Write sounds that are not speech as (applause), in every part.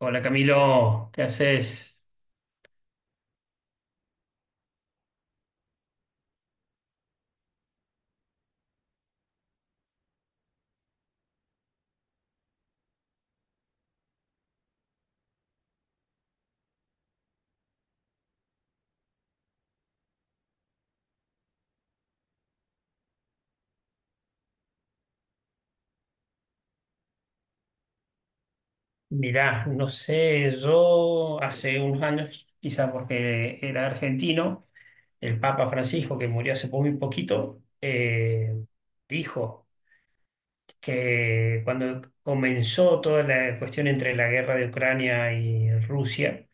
Hola Camilo, ¿qué haces? Mirá, no sé, yo hace unos años, quizá porque era argentino, el Papa Francisco, que murió hace muy poquito, dijo que cuando comenzó toda la cuestión entre la guerra de Ucrania y Rusia,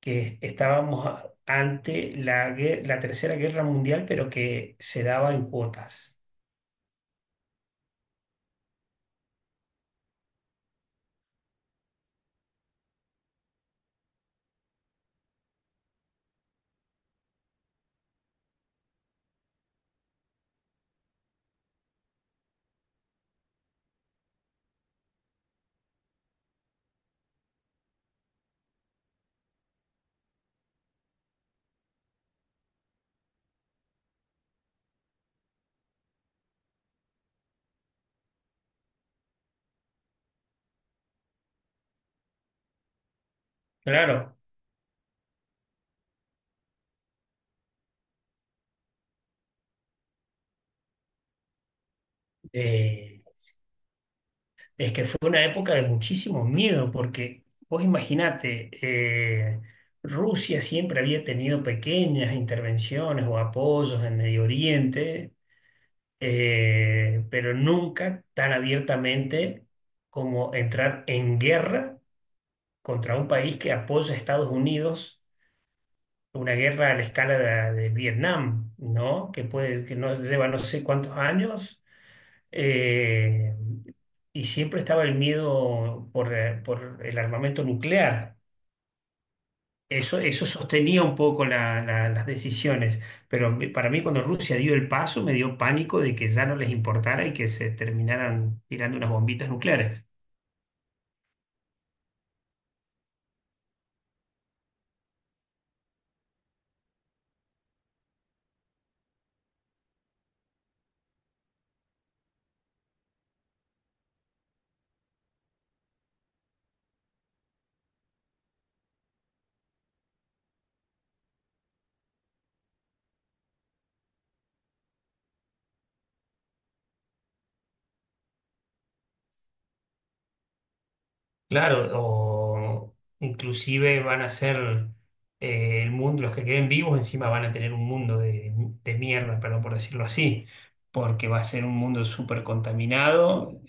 que estábamos ante la Tercera Guerra Mundial, pero que se daba en cuotas. Claro. eh, Es que fue una época de muchísimo miedo, porque vos imaginate, Rusia siempre había tenido pequeñas intervenciones o apoyos en Medio Oriente, pero nunca tan abiertamente como entrar en guerra contra un país que apoya a Estados Unidos, una guerra a la escala de Vietnam, ¿no? Que puede, que no lleva no sé cuántos años, eh, y siempre estaba el miedo por el armamento nuclear. Eso sostenía un poco las decisiones, pero para mí cuando Rusia dio el paso me dio pánico de que ya no les importara y que se terminaran tirando unas bombitas nucleares. Claro, o inclusive van a ser el mundo, los que queden vivos encima van a tener un mundo de de mierda, perdón por decirlo así, porque va a ser un mundo súper contaminado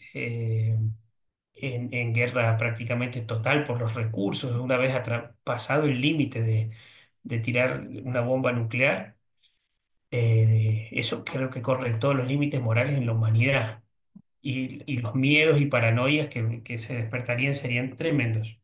en guerra prácticamente total por los recursos, una vez pasado el límite de tirar una bomba nuclear, eso creo que corre todos los límites morales en la humanidad y los miedos y paranoias que se despertarían serían tremendos.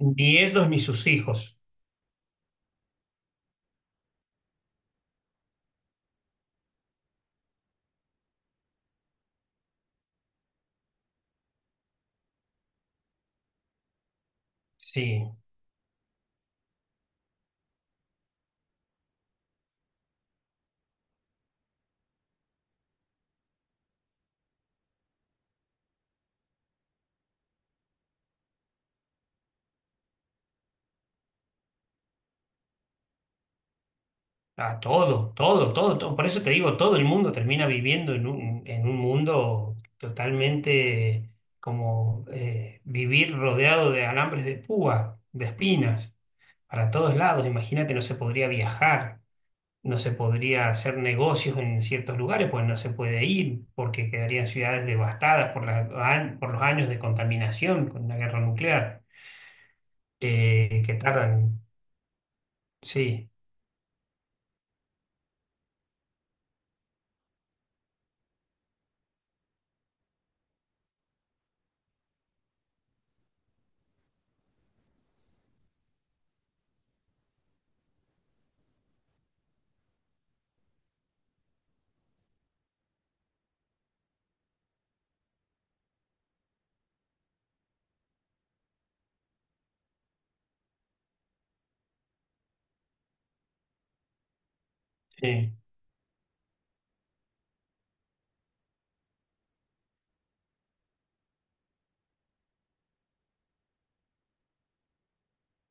Ni ellos ni sus hijos. Sí. Ah, todo, todo, todo, todo. Por eso te digo, todo el mundo termina viviendo en un mundo totalmente como vivir rodeado de alambres de púa, de espinas, para todos lados. Imagínate, no se podría viajar, no se podría hacer negocios en ciertos lugares, pues no se puede ir, porque quedarían ciudades devastadas por por los años de contaminación con la guerra nuclear, que tardan. Sí, sí.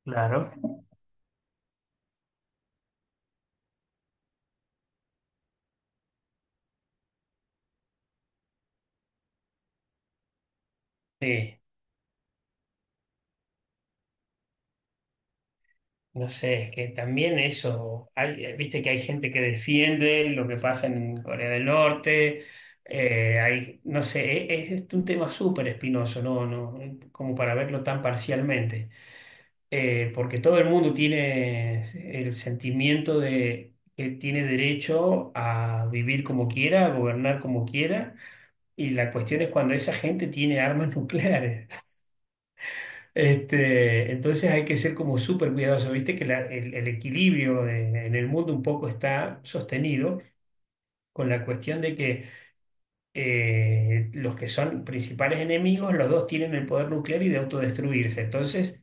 Claro. Sí. No sé, es que también eso, hay, viste que hay gente que defiende lo que pasa en Corea del Norte, hay, no sé, es un tema súper espinoso, ¿no? No, como para verlo tan parcialmente. Porque todo el mundo tiene el sentimiento de que tiene derecho a vivir como quiera, a gobernar como quiera, y la cuestión es cuando esa gente tiene armas (laughs) nucleares. Este, entonces hay que ser como súper cuidadoso. Viste que el equilibrio en el mundo un poco está sostenido con la cuestión de que los que son principales enemigos, los dos tienen el poder nuclear y de autodestruirse. Entonces,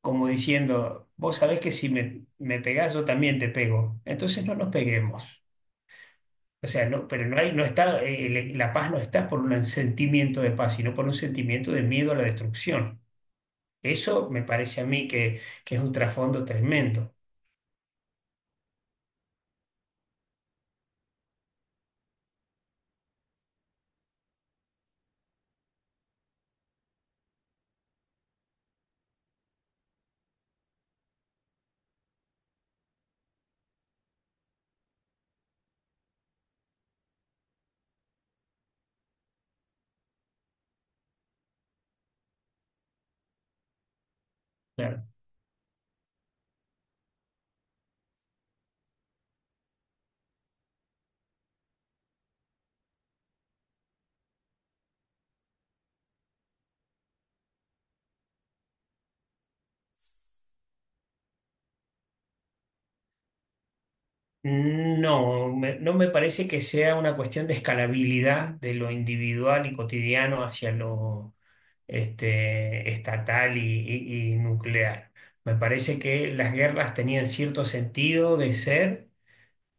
como diciendo, vos sabés que si me pegás, yo también te pego. Entonces no nos peguemos. O sea, no, pero no hay, no está, la paz no está por un sentimiento de paz, sino por un sentimiento de miedo a la destrucción. Eso me parece a mí que es un trasfondo tremendo. Claro. No, no me parece que sea una cuestión de escalabilidad de lo individual y cotidiano hacia lo este, estatal y nuclear. Me parece que las guerras tenían cierto sentido de ser.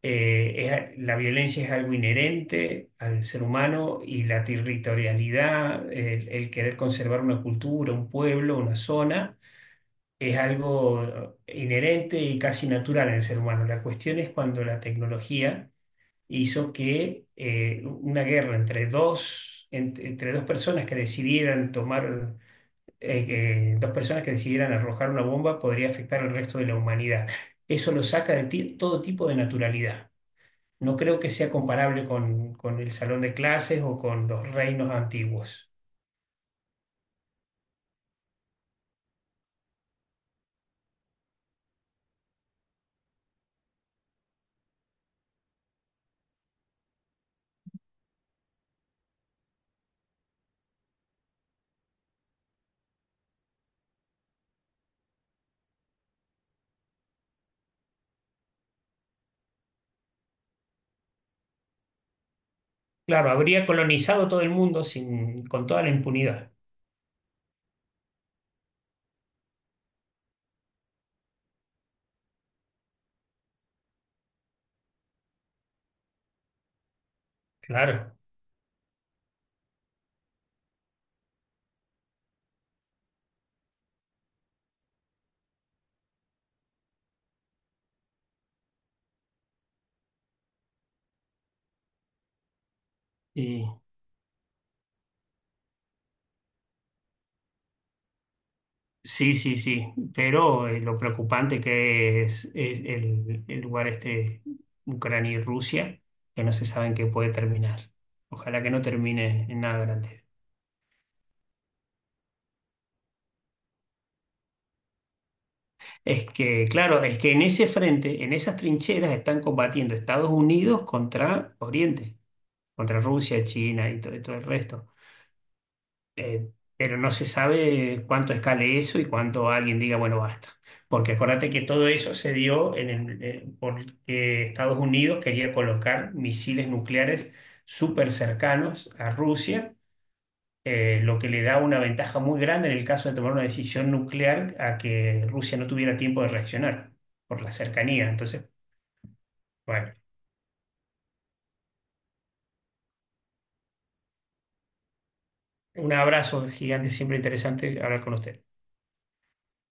La violencia es algo inherente al ser humano y la territorialidad, el querer conservar una cultura, un pueblo, una zona es algo inherente y casi natural en el ser humano. La cuestión es cuando la tecnología hizo que una guerra entre entre dos personas que decidieran dos personas que decidieran arrojar una bomba podría afectar al resto de la humanidad. Eso lo saca de todo tipo de naturalidad. No creo que sea comparable con el salón de clases o con los reinos antiguos. Claro, habría colonizado todo el mundo sin, con toda la impunidad. Claro. Y sí, sí, sí, pero lo preocupante que es el lugar este, Ucrania y Rusia, que no se sabe en qué puede terminar. Ojalá que no termine en nada grande. Es que, claro, es que en ese frente, en esas trincheras, están combatiendo Estados Unidos contra Oriente, contra Rusia, China y todo el resto. Eh, pero no se sabe cuánto escale eso y cuánto alguien diga, bueno, basta. Porque acuérdate que todo eso se dio en el, porque Estados Unidos quería colocar misiles nucleares súper cercanos a Rusia, lo que le da una ventaja muy grande en el caso de tomar una decisión nuclear a que Rusia no tuviera tiempo de reaccionar por la cercanía. Entonces, bueno, un abrazo gigante, siempre interesante hablar con usted.